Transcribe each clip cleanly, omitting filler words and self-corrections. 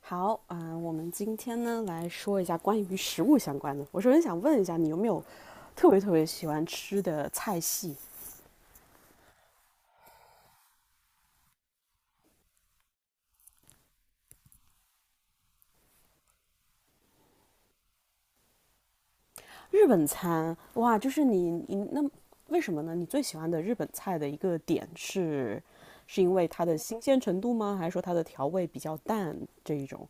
好啊、我们今天呢来说一下关于食物相关的。我首先想问一下，你有没有特别特别喜欢吃的菜系？日本餐，哇，就是你那为什么呢？你最喜欢的日本菜的一个点是，是因为它的新鲜程度吗？还是说它的调味比较淡这一种？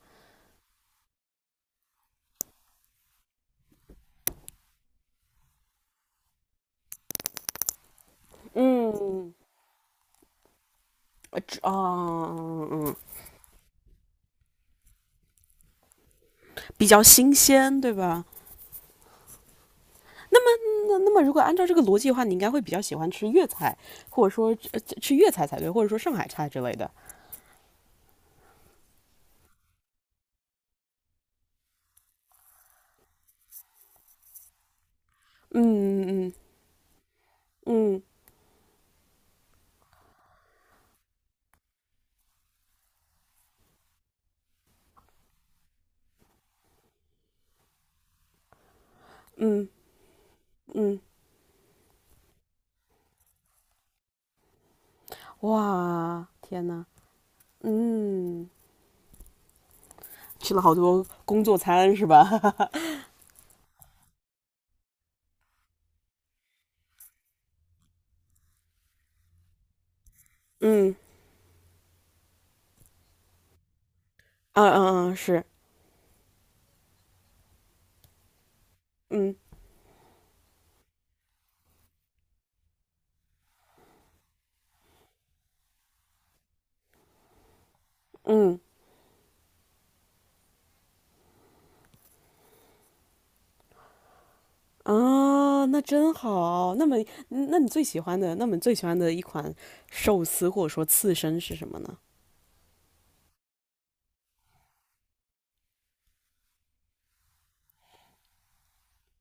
嗯，嗯嗯比较新鲜，对吧？那么，那那么如果按照这个逻辑的话，你应该会比较喜欢吃粤菜，或者说吃粤菜才对，或者说上海菜之类的。嗯嗯嗯嗯，嗯。哇，天呐，嗯，吃了好多工作餐是吧？嗯嗯嗯嗯是，嗯嗯。啊，那真好。那么，那么你最喜欢的一款寿司或者说刺身是什么呢？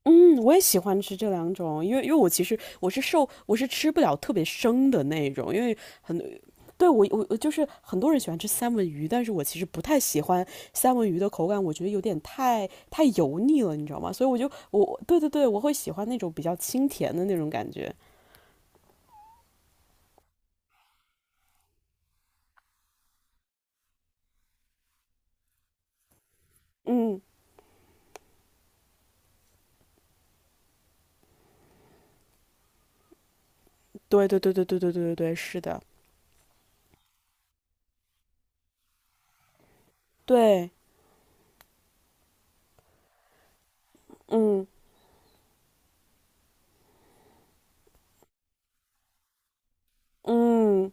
嗯，我也喜欢吃这两种，因为我其实我是吃不了特别生的那种，因为很对我就是很多人喜欢吃三文鱼，但是我其实不太喜欢三文鱼的口感，我觉得有点太油腻了，你知道吗？所以我就我对对对，我会喜欢那种比较清甜的那种感觉。嗯，对对对对对对对对对，是的，对，嗯嗯。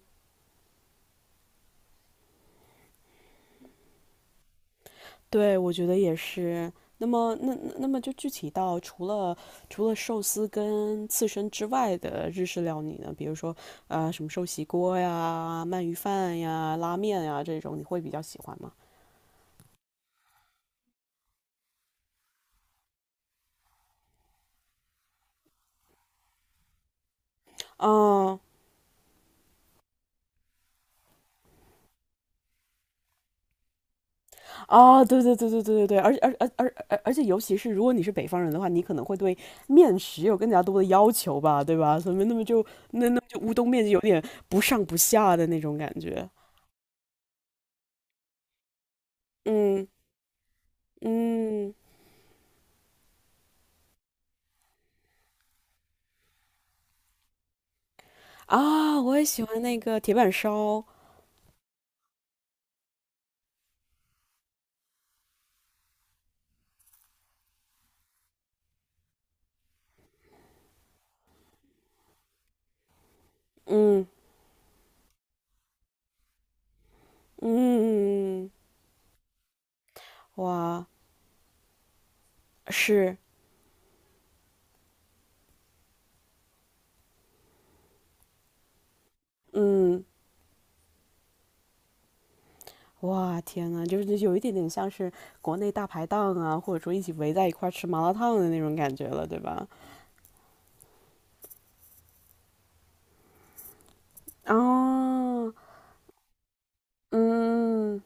对，我觉得也是。那么，就具体到除了寿司跟刺身之外的日式料理呢，比如说什么寿喜锅呀、鳗鱼饭呀、拉面呀这种，你会比较喜欢吗？嗯，啊，对对对对对对对，而且而且尤其是如果你是北方人的话，你可能会对面食有更加多的要求吧，对吧？所以那么就那那么就乌冬面就有点不上不下的那种感觉。嗯嗯。啊，我也喜欢那个铁板烧，嗯嗯嗯嗯，哇，是，嗯，哇，天呐，就是有一点点像是国内大排档啊，或者说一起围在一块儿吃麻辣烫的那种感觉了，对吧？啊，嗯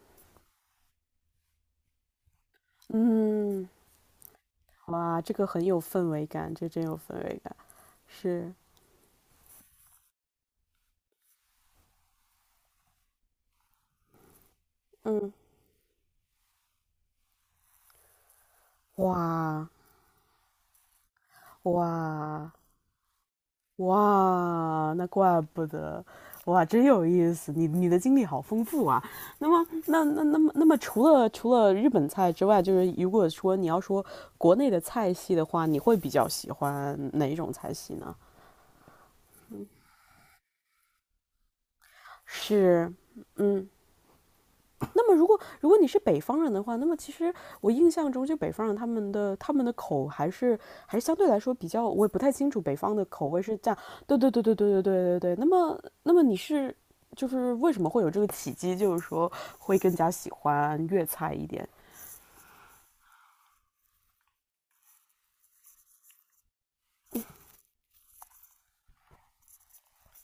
嗯，哇，这个很有氛围感，这真有氛围感，是，嗯，哇哇。哇，那怪不得，哇，真有意思，你的经历好丰富啊。那么，除了日本菜之外，就是如果说你要说国内的菜系的话，你会比较喜欢哪一种菜系呢？是，嗯，那么，如果你是北方人的话，那么其实我印象中，就北方人他们的口还是还是相对来说比较，我也不太清楚北方的口味是这样。对对对对对对对对对。那么，那么你是就是为什么会有这个契机，就是说会更加喜欢粤菜一点？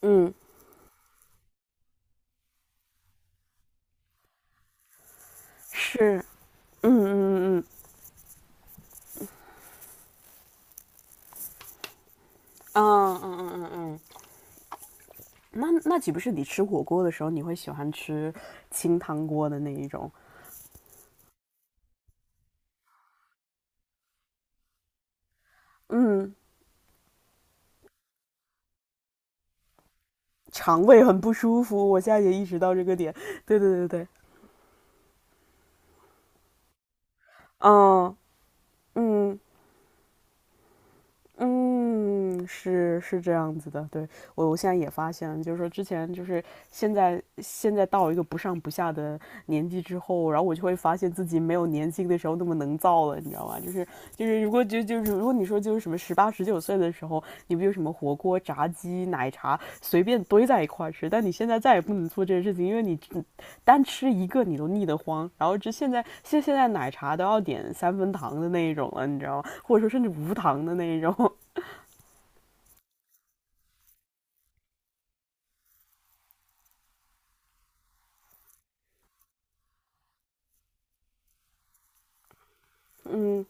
嗯，是，嗯嗯嗯嗯嗯嗯嗯嗯嗯。那那岂不是你吃火锅的时候，你会喜欢吃清汤锅的那一种？嗯肠胃很不舒服，我现在也意识到这个点。对对对对，嗯嗯，嗯，是是这样子的，对，现在也发现就是说之前就是现在到一个不上不下的年纪之后，然后我就会发现自己没有年轻的时候那么能造了，你知道吗？就是就是如果就就是如果你说就是什么十八十九岁的时候，你不就什么火锅、炸鸡、奶茶随便堆在一块儿吃，但你现在再也不能做这些事情，因为你单吃一个你都腻得慌，然后这现在现现在奶茶都要点三分糖的那一种了，你知道吗？或者说甚至无糖的那一种。嗯，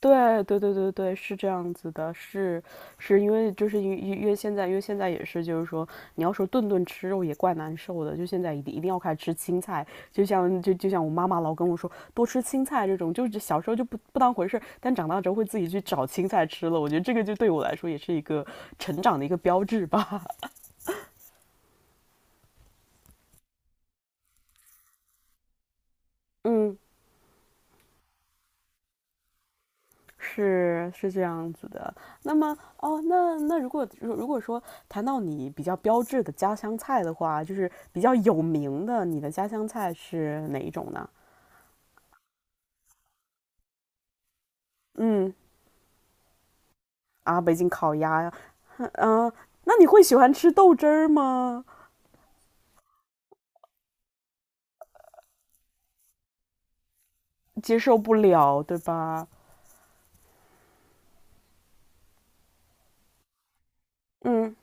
对对对对对，是这样子的，是是因为因为现在也是就是说，你要说顿顿吃肉也怪难受的，就现在一定一定要开始吃青菜，就像像我妈妈老跟我说多吃青菜这种，就是小时候就不当回事但长大之后会自己去找青菜吃了，我觉得这个就对我来说也是一个成长的一个标志吧。嗯。是是这样子的。那么哦，那那如如果说谈到你比较标志的家乡菜的话，就是比较有名的，你的家乡菜是哪一种呢？嗯。啊，北京烤鸭呀，嗯、那你会喜欢吃豆汁儿吗？接受不了，对吧？嗯。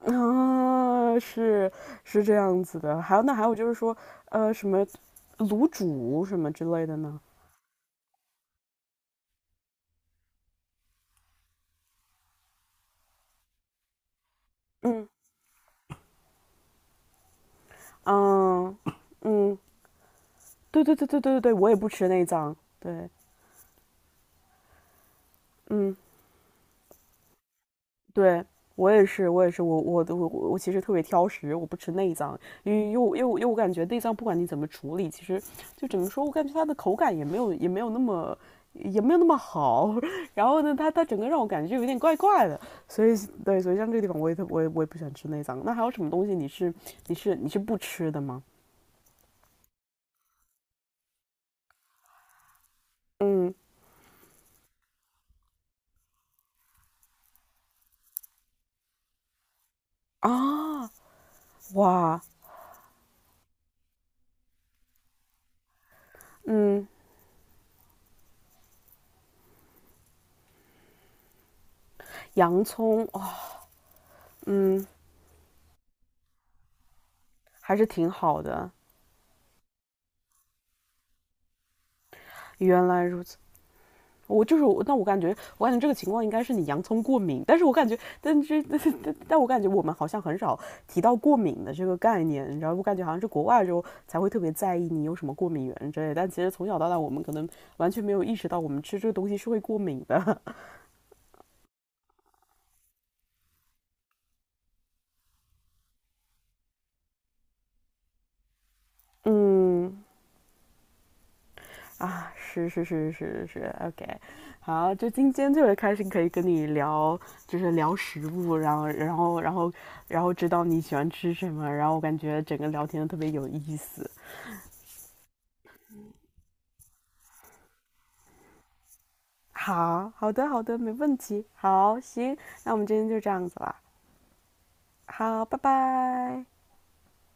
啊，是是这样子的。还有那还有就是说，什么卤煮什么之类的呢？嗯嗯嗯。对对对对对对对，我也不吃内脏。对，嗯，对我也是，我也是，我其实特别挑食，我不吃内脏，因为因为我感觉内脏不管你怎么处理，其实就怎么说，我感觉它的口感也没有那么好。然后呢，它它整个让我感觉就有点怪怪的，所以对，所以像这个地方我也特我也我也不喜欢吃内脏。那还有什么东西你是不吃的吗？嗯啊哇嗯，洋葱哦嗯还是挺好的。原来如此，我就是我，那我感觉，我感觉这个情况应该是你洋葱过敏，但是我感觉，但我感觉我们好像很少提到过敏的这个概念，你知道，我感觉好像是国外之后才会特别在意你有什么过敏源之类的，但其实从小到大我们可能完全没有意识到我们吃这个东西是会过敏的，嗯，啊，是是是是是，OK，好，就今天特别开心，可以跟你聊，就是聊食物，然后知道你喜欢吃什么，然后我感觉整个聊天特别有意思。好好的好的，没问题。好，行，那我们今天就这样子了。好，拜拜。